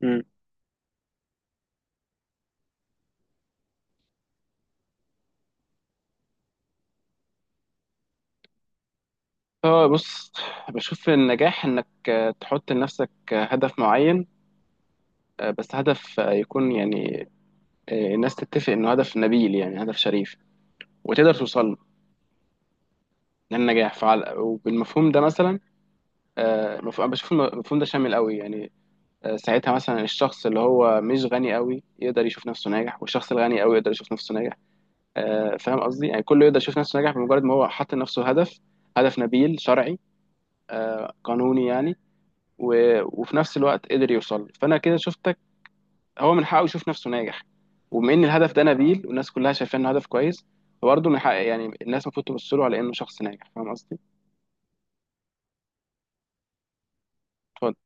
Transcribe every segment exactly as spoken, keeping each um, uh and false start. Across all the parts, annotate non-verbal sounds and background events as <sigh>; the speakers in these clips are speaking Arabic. مم. اه، بص، بشوف النجاح انك آه، تحط لنفسك آه، هدف معين. آه، بس هدف آه، يكون يعني آه، الناس تتفق انه هدف نبيل، يعني هدف شريف، وتقدر توصل للنجاح فعلى. وبالمفهوم ده مثلا آه، مفهوم- بشوف الم- المفهوم ده شامل قوي يعني. آه، ساعتها مثلا الشخص اللي هو مش غني قوي يقدر يشوف نفسه ناجح، والشخص الغني قوي يقدر يشوف نفسه ناجح. آه، فاهم قصدي؟ يعني كله يقدر يشوف نفسه ناجح بمجرد ما هو حط لنفسه هدف، هدف نبيل شرعي آه، قانوني يعني. و... وفي نفس الوقت قدر يوصل له. فانا كده شفتك، هو من حقه يشوف نفسه ناجح. وبما ان الهدف ده نبيل والناس كلها شايفاه انه هدف كويس، فبرضه من حق يعني الناس المفروض تبص له على انه شخص ناجح. فاهم قصدي؟ اتفضل.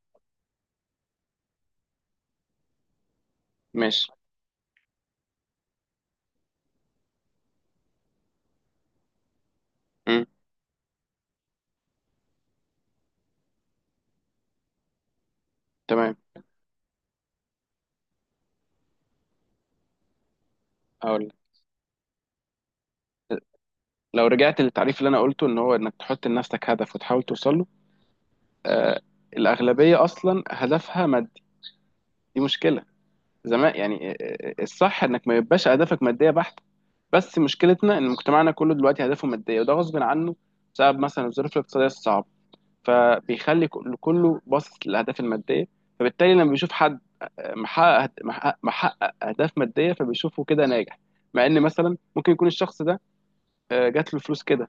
ماشي. امم. تمام. هقول لك، لو رجعت للتعريف اللي انا قلته، ان هو انك تحط لنفسك هدف وتحاول توصل له. آه الاغلبيه اصلا هدفها مادي. دي مشكله زمان يعني. آه، آه، الصح انك ما يبقاش اهدافك ماديه بحته. بس مشكلتنا ان مجتمعنا كله دلوقتي هدفه ماديه، وده غصب عنه بسبب مثلا الظروف الاقتصاديه الصعبه. فبيخلي كل- كله باصص للاهداف الماديه. فبالتالي لما بيشوف حد محقق محقق محقق اهداف ماديه فبيشوفه كده ناجح. مع ان مثلا ممكن يكون الشخص ده آه، جات له فلوس كده.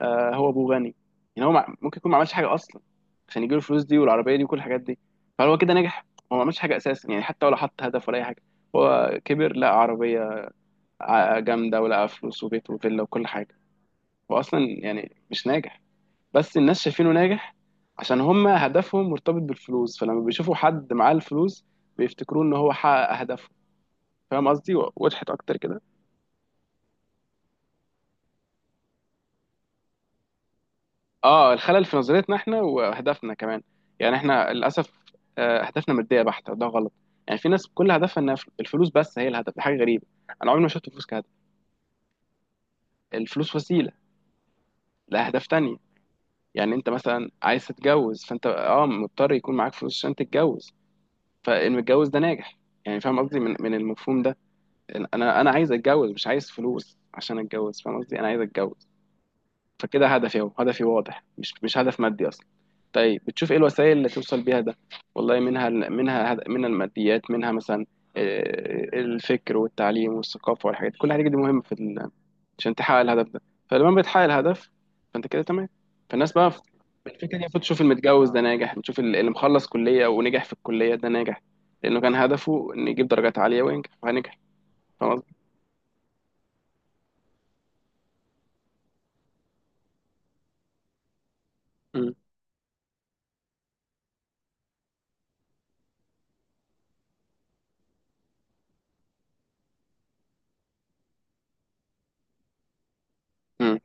آه، هو ابوه غني. يعني هو مع- ممكن يكون ما عملش حاجه اصلا عشان يجيله الفلوس دي والعربيه دي وكل الحاجات دي. فهل هو كده ناجح؟ هو ما عملش حاجه اساسا يعني، حتى ولا حط هدف ولا اي حاجه. هو كبر لقى عربيه ع- جامده، ولقى فلوس وبيت وفيلا وكل حاجه. هو اصلا يعني مش ناجح، بس الناس شايفينه ناجح عشان هم هدفهم مرتبط بالفلوس. فلما بيشوفوا حد معاه الفلوس بيفتكروه ان هو حقق اهدافه. فاهم قصدي؟ و- وضحت اكتر كده؟ اه، الخلل في نظريتنا احنا واهدافنا كمان. يعني احنا للاسف آه، اهدافنا ماديه بحته، وده غلط. يعني في ناس كل هدفها انها فل- الفلوس بس هي الهدف، دي حاجه غريبه. انا عمري ما شفت الفلوس كهدف. الفلوس وسيله لاهداف تانية. يعني انت مثلا عايز تتجوز، فانت اه مضطر يكون معاك فلوس عشان تتجوز. فالمتجوز ده ناجح. يعني فاهم قصدي من من المفهوم ده؟ انا انا عايز اتجوز، مش عايز فلوس عشان اتجوز. فاهم قصدي؟ انا عايز اتجوز. فكده هدفي اهو، هدفي واضح، مش مش هدف مادي اصلا. طيب، بتشوف ايه الوسائل اللي توصل بيها ده؟ والله منها منها هد- منها الماديات، منها مثلا آه، الفكر والتعليم والثقافه والحاجات دي. كل الحاجات دي مهمه في ال... عشان تحقق الهدف ده. فلما بتحقق الهدف فانت كده تمام. فالناس بقى في- الفكره دي بتشوف المتجوز ده ناجح، بتشوف ال- اللي مخلص كليه ونجح في الكليه ده ناجح، لانه كان هدفه انه يجيب درجات عاليه وينجح فنجح. فاهم قصدي؟ مم.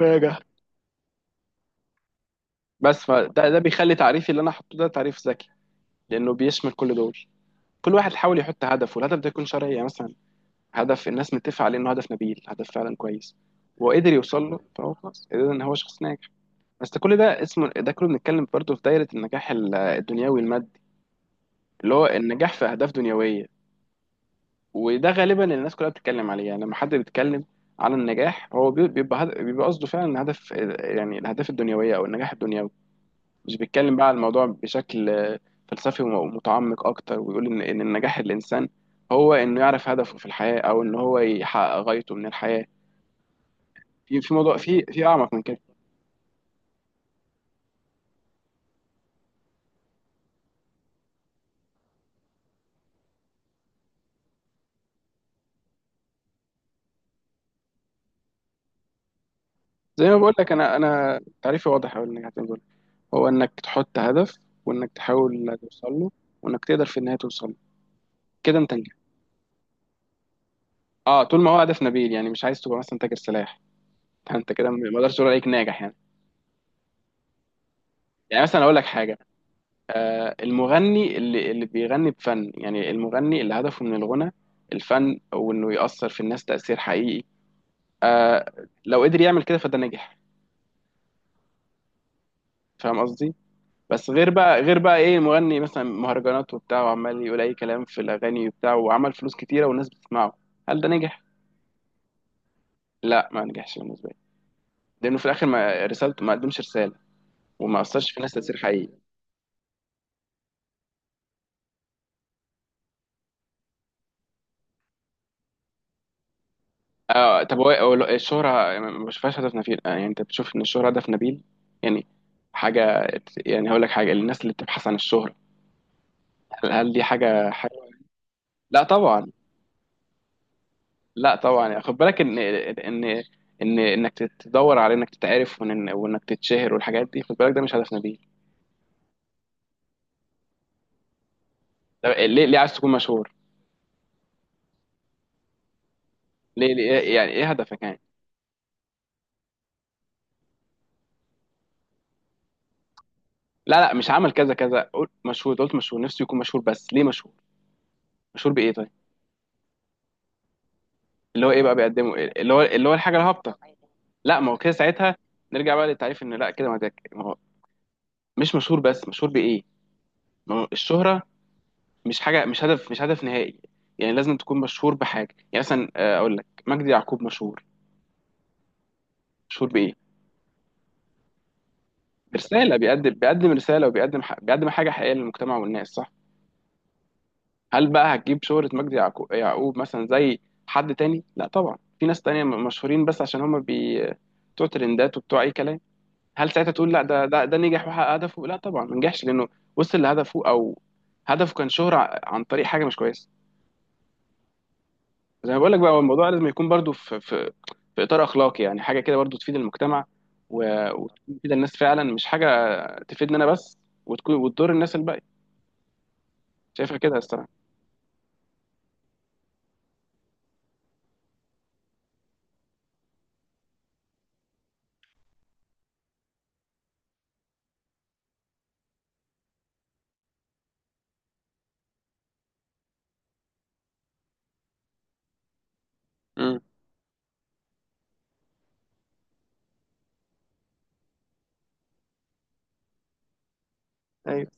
راجع. بس فده ده بيخلي تعريفي اللي انا حطه ده تعريف ذكي، لانه بيشمل كل دول. كل واحد حاول يحط هدف، والهدف ده يكون شرعي، يعني مثلا هدف الناس متفقه عليه انه هدف نبيل، هدف فعلا كويس، وقدر يوصل له، فهو خلاص قدر ان هو شخص ناجح. بس ده كل ده اسمه، ده كله بنتكلم برضه في دايره النجاح ال- الدنيوي المادي، اللي هو النجاح في اهداف دنيويه. وده غالبا اللي الناس كلها بتتكلم عليه. يعني لما حد بيتكلم عن النجاح هو بي- بيبقى هد- بيبقى قصده فعلا هدف، يعني الاهداف الدنيويه او النجاح الدنيوي. مش بيتكلم بقى على الموضوع بشكل آه، فلسفي ومتعمق اكتر، ويقول ان ان النجاح الانسان هو انه يعرف هدفه في الحياه، او ان هو يحقق غايته من الحياه. في في موضوع في في اعمق من كده. زي ما بقول لك، انا انا تعريفي واضح أوي للنجاح، زي ما بقول لك. هو انك تحط هدف، وانك تحاول توصل له، وانك تقدر في النهايه توصل له. كده انت نجحت. اه، طول ما هو هدف نبيل، يعني مش عايز تبقى مثلا تاجر سلاح. <laughs> انت كده ما اقدرش اقول عليك ناجح يعني. يعني مثلا اقول لك حاجه. آه، المغني اللي اللي بيغني بفن، يعني المغني اللي هدفه من الغنى الفن، وانه يأثر في الناس تأثير حقيقي. آه، لو قدر يعمل كده فده نجح. فاهم قصدي؟ بس غير بقى غير بقى ايه؟ مغني مثلا مهرجانات وبتاع، وعمال يقول اي كلام في الاغاني وبتاع، وعمل فلوس كتيره والناس بتسمعه. هل ده نجح؟ لا، ما نجحش بالنسبه لي. لانه في الاخر ما رسالته، ما قدمش رساله، وما اثرش في الناس تأثير حقيقي. آه طب هو هو الشهرة ما بشوفهاش هدف نبيل. آه، يعني انت بتشوف ان الشهرة هدف نبيل؟ يعني حاجة، يعني هقول لك حاجة، الناس اللي بتبحث عن الشهرة، هل هل دي حاجة حلوة؟ لا طبعا. لا طبعا. يعني خد بالك ان ان ان انك تدور على انك تتعرف وإن- وانك تتشهر والحاجات دي، خد بالك ده مش هدف نبيل. طب، ليه ليه عايز تكون مشهور؟ ليه، ليه يعني ايه هدفك يعني؟ لا، لا، مش عمل كذا كذا، قلت مشهور، قلت مشهور نفسي يكون مشهور. بس ليه مشهور؟ مشهور بإيه طيب؟ اللي هو ايه بقى بيقدمه إيه؟ اللي هو اللي هو الحاجه الهابطه. لا، ما هو كده ساعتها. نرجع بقى للتعريف، ان لا كده، ما ده ما هو مش مشهور بس مشهور بايه. ما هو الشهره مش حاجه، مش هدف، مش هدف نهائي. يعني لازم تكون مشهور بحاجه، يعني مثلا آه، اقول لك مجدي يعقوب مشهور. مشهور بايه؟ برساله، بيقدم بيقدم رساله، وبيقدم ح... بيقدم حاجه حقيقيه للمجتمع والناس، صح؟ هل بقى هتجيب شهره مجدي يعقوب يعقوب مثلا زي حد تاني؟ لا طبعا. في ناس تانية م- مشهورين بس عشان هم بي... بتوع ترندات وبتوع اي كلام. هل ساعتها تقول لا ده ده ده نجح وحقق هدفه؟ لا طبعا. ما نجحش، لانه وصل لهدفه، او هدفه كان شهرة ع- عن طريق حاجه مش كويسه. زي ما بقول لك بقى، هو الموضوع لازم يكون برضو في في في اطار اخلاقي، يعني حاجه كده برضو تفيد المجتمع و- وتفيد الناس فعلا، مش حاجه تفيدني انا بس وتكون وتضر الناس الباقيه. شايفها كده يا الصراحه. امم. ايوه.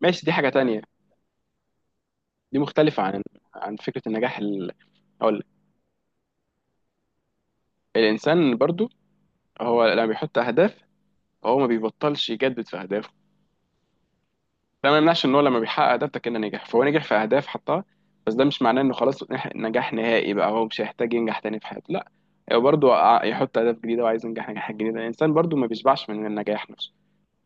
ماشي. دي حاجه تانية، دي مختلفه عن عن فكره النجاح ال... اقول لك. الانسان برضو هو لما بيحط اهداف، هو ما بيبطلش يجدد في اهدافه. ده ما يمنعش ان هو لما بيحقق ده كده نجح، فهو نجح في اهداف حطها. بس ده مش معناه انه خلاص نح- نجاح نهائي. بقى هو مش هيحتاج ينجح تاني في حياته؟ لا، هو برضه ع- يحط اهداف جديده وعايز ينجح نجاحات جديده. الانسان برضه ما بيشبعش من النجاح نفسه،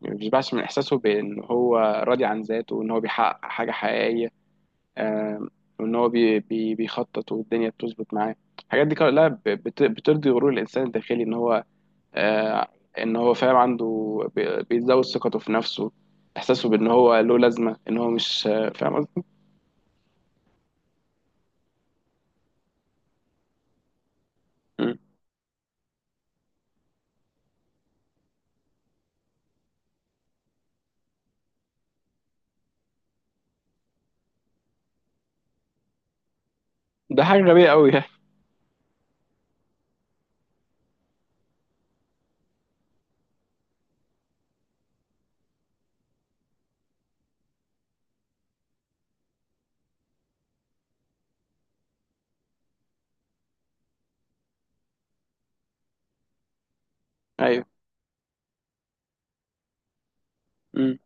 ما بيشبعش من احساسه بان هو راضي عن ذاته وان هو بيحقق حاجه حقيقيه. آم، وان هو بي بي بيخطط والدنيا بتظبط معاه. الحاجات دي كلها ب- بت- بترضي غرور الانسان الداخلي ان هو آه، ان هو فاهم عنده، بي- بيزود ثقته في نفسه، احساسه بان هو له لازمه، ان هو مش آه، فاهم قصدي. مم. ده حاجه غبيه قوي يعني. ايوه. مم.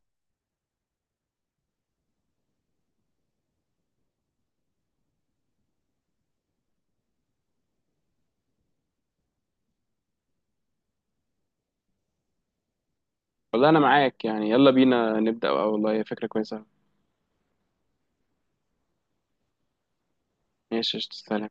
والله انا معاك يعني، يلا بينا نبدا بقى، والله هي فكره كويسه. ماشي، قشطة، سلام.